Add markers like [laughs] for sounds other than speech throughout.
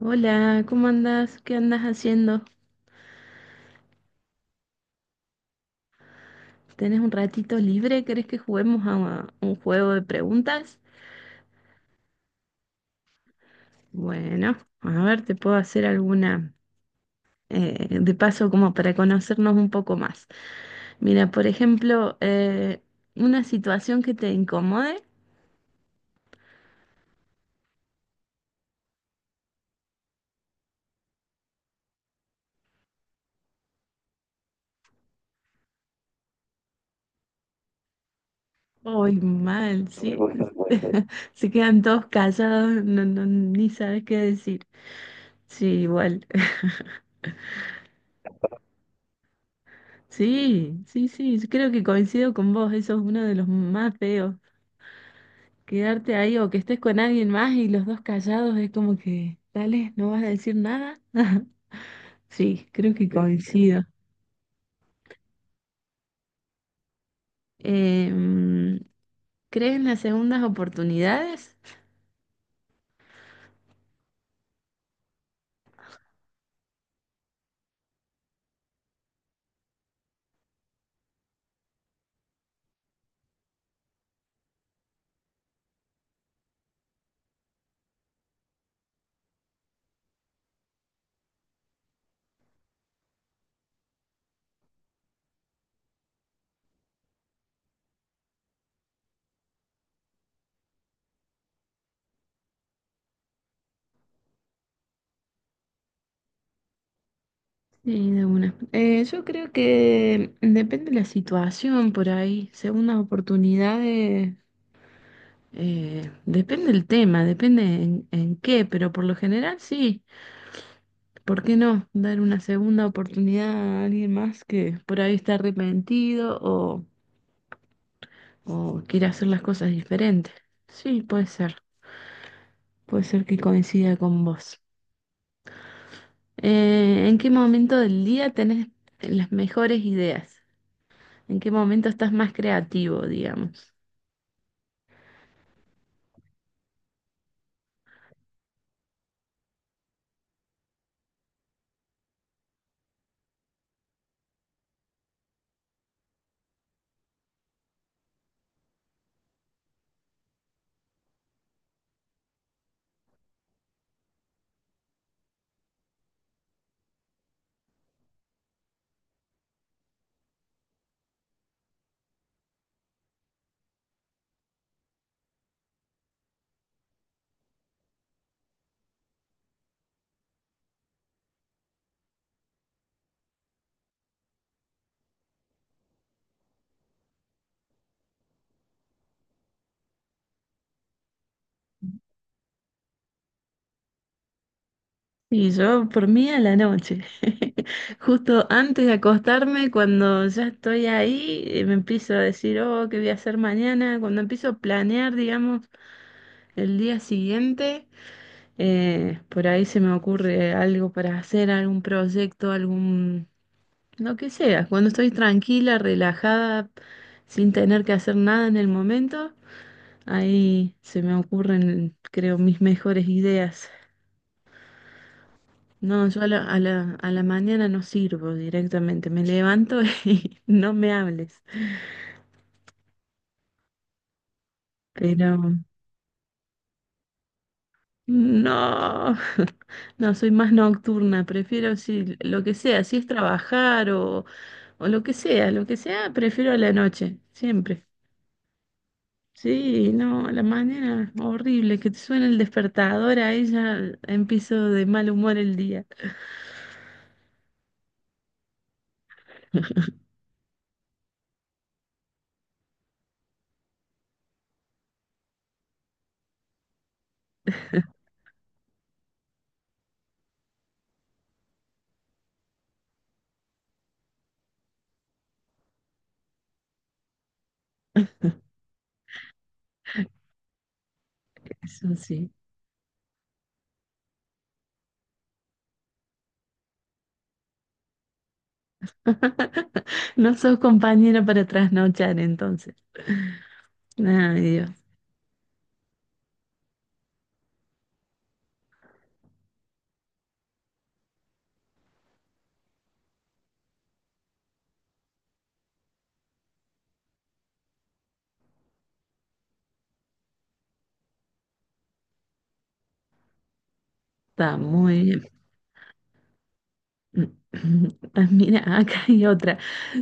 Hola, ¿cómo andas? ¿Qué andas haciendo? ¿Tenés un ratito libre? ¿Querés que juguemos a un juego de preguntas? Bueno, a ver, te puedo hacer alguna de paso como para conocernos un poco más. Mira, por ejemplo, una situación que te incomode. Uy, mal, sí. [laughs] Se quedan todos callados, no, no, ni sabes qué decir. Sí, igual. [laughs] Sí, sí, sí, yo creo que coincido con vos, eso es uno de los más feos. Quedarte ahí o que estés con alguien más y los dos callados es como que, dale, no vas a decir nada. [laughs] Sí, creo que sí, coincido. Em, ¿Crees en las segundas oportunidades? Sí, de una. Yo creo que depende de la situación por ahí. Segundas oportunidades, depende el tema, depende en qué, pero por lo general sí. ¿Por qué no dar una segunda oportunidad a alguien más que por ahí está arrepentido o quiere hacer las cosas diferentes? Sí, puede ser que coincida con vos. ¿En qué momento del día tenés las mejores ideas? ¿En qué momento estás más creativo, digamos? Y yo, por mí, a la noche. [laughs] Justo antes de acostarme, cuando ya estoy ahí, me empiezo a decir, oh, ¿qué voy a hacer mañana? Cuando empiezo a planear, digamos, el día siguiente, por ahí se me ocurre algo para hacer, algún proyecto, algún Lo que sea, cuando estoy tranquila, relajada, sin tener que hacer nada en el momento, ahí se me ocurren, creo, mis mejores ideas. No, yo a la mañana no sirvo directamente, me levanto [laughs] y no me hables. Pero no, [laughs] no, soy más nocturna, prefiero si lo que sea, si es trabajar o lo que sea, prefiero a la noche, siempre. Sí, no, la manera horrible que te suena el despertador a ella, empiezo de mal humor el día. Eso sí. [laughs] No sos compañera para trasnochar entonces. Ay, Dios, está muy bien. [clears throat] Ah, mira, [laughs] acá hay otra.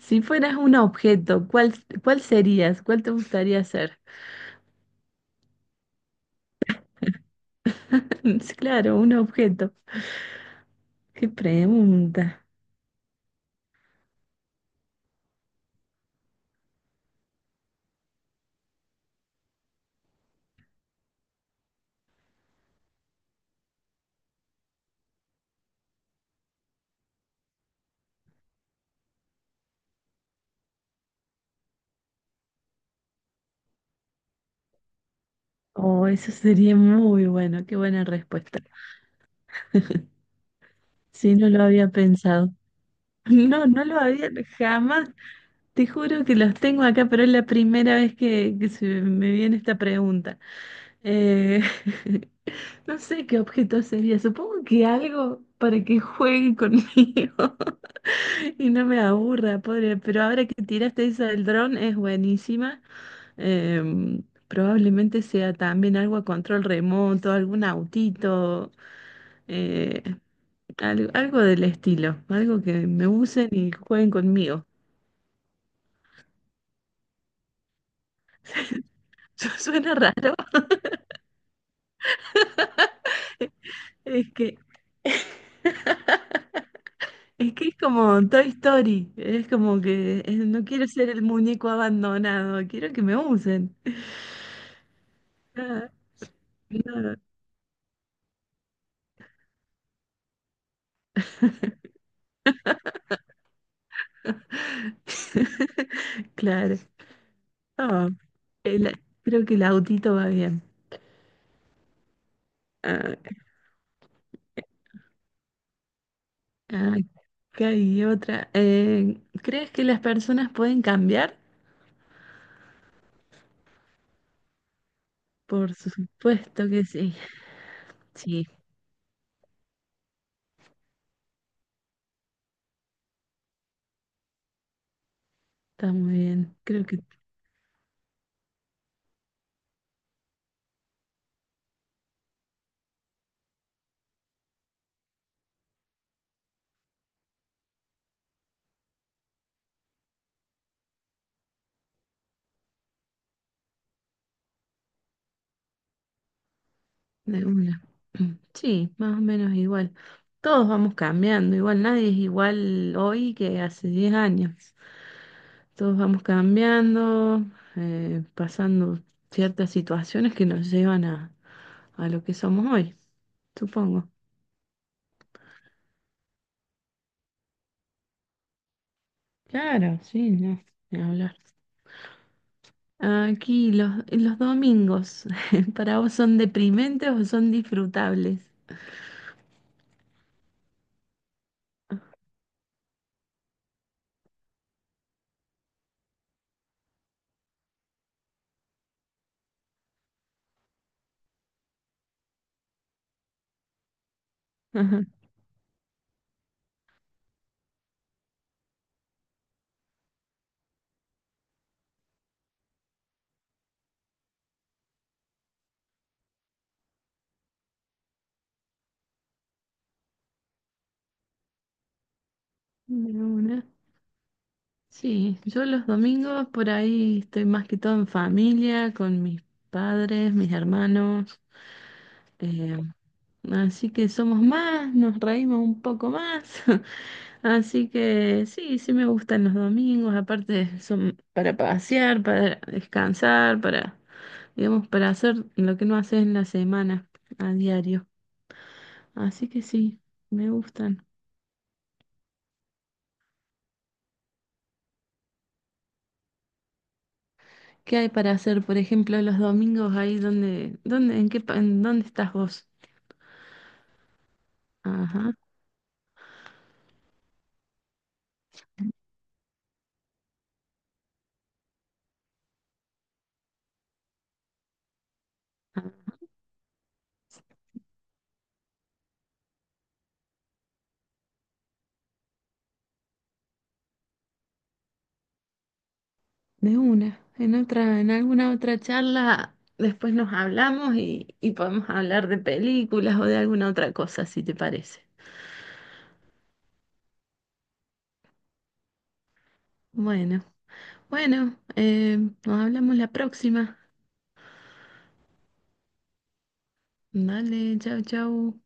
Si fueras un objeto, ¿cuál serías? ¿Cuál te gustaría ser? [laughs] Sí, claro, un objeto. Qué pregunta. Oh, eso sería muy bueno, qué buena respuesta. Sí, no lo había pensado. No, no lo había jamás. Te juro que los tengo acá, pero es la primera vez que se me viene esta pregunta. Eh, [laughs] no sé qué objeto sería. Supongo que algo para que juegue conmigo. [laughs] Y no me aburra, pobre. Pero ahora que tiraste esa del dron, es buenísima. Em, Probablemente sea también algo a control remoto, algún autito, eh, algo, del estilo. Algo que me usen y jueguen conmigo. [laughs] Suena raro. Es que, [laughs] es que es como Toy Story. Es como que no quiero ser el muñeco abandonado. Quiero que me usen. [laughs] Nada, nada. [laughs] Claro. Ah, el- creo que el autito va bien. Ah, ah, acá hay otra. ¿Crees que las personas pueden cambiar? Por supuesto que sí. Sí, está muy bien. Creo que de una. Mm, sí, más o menos igual. Todos vamos cambiando. Igual nadie es igual hoy que hace 10 años. Todos vamos cambiando, pasando ciertas situaciones que nos llevan a lo que somos hoy, supongo. Claro, sí, no, ni hablar. Aquí los domingos, [laughs] ¿para vos son deprimentes o son disfrutables? Ajá. De una. Sí, yo los domingos por ahí estoy más que todo en familia, con mis padres, mis hermanos, eh, así que somos más, nos reímos un poco más. [laughs] Así que sí, sí me gustan los domingos, aparte son para pasear, para descansar, para, digamos, para hacer lo que no haces en la semana a diario. Así que sí, me gustan. ¿Qué hay para hacer, por ejemplo, los domingos ahí donde, dónde, en qué, en dónde estás vos? Ajá, ah, de una. En alguna otra charla después nos hablamos y podemos hablar de películas o de alguna otra cosa, si te parece. Bueno. Bueno, nos hablamos la próxima. Dale, chau, chau.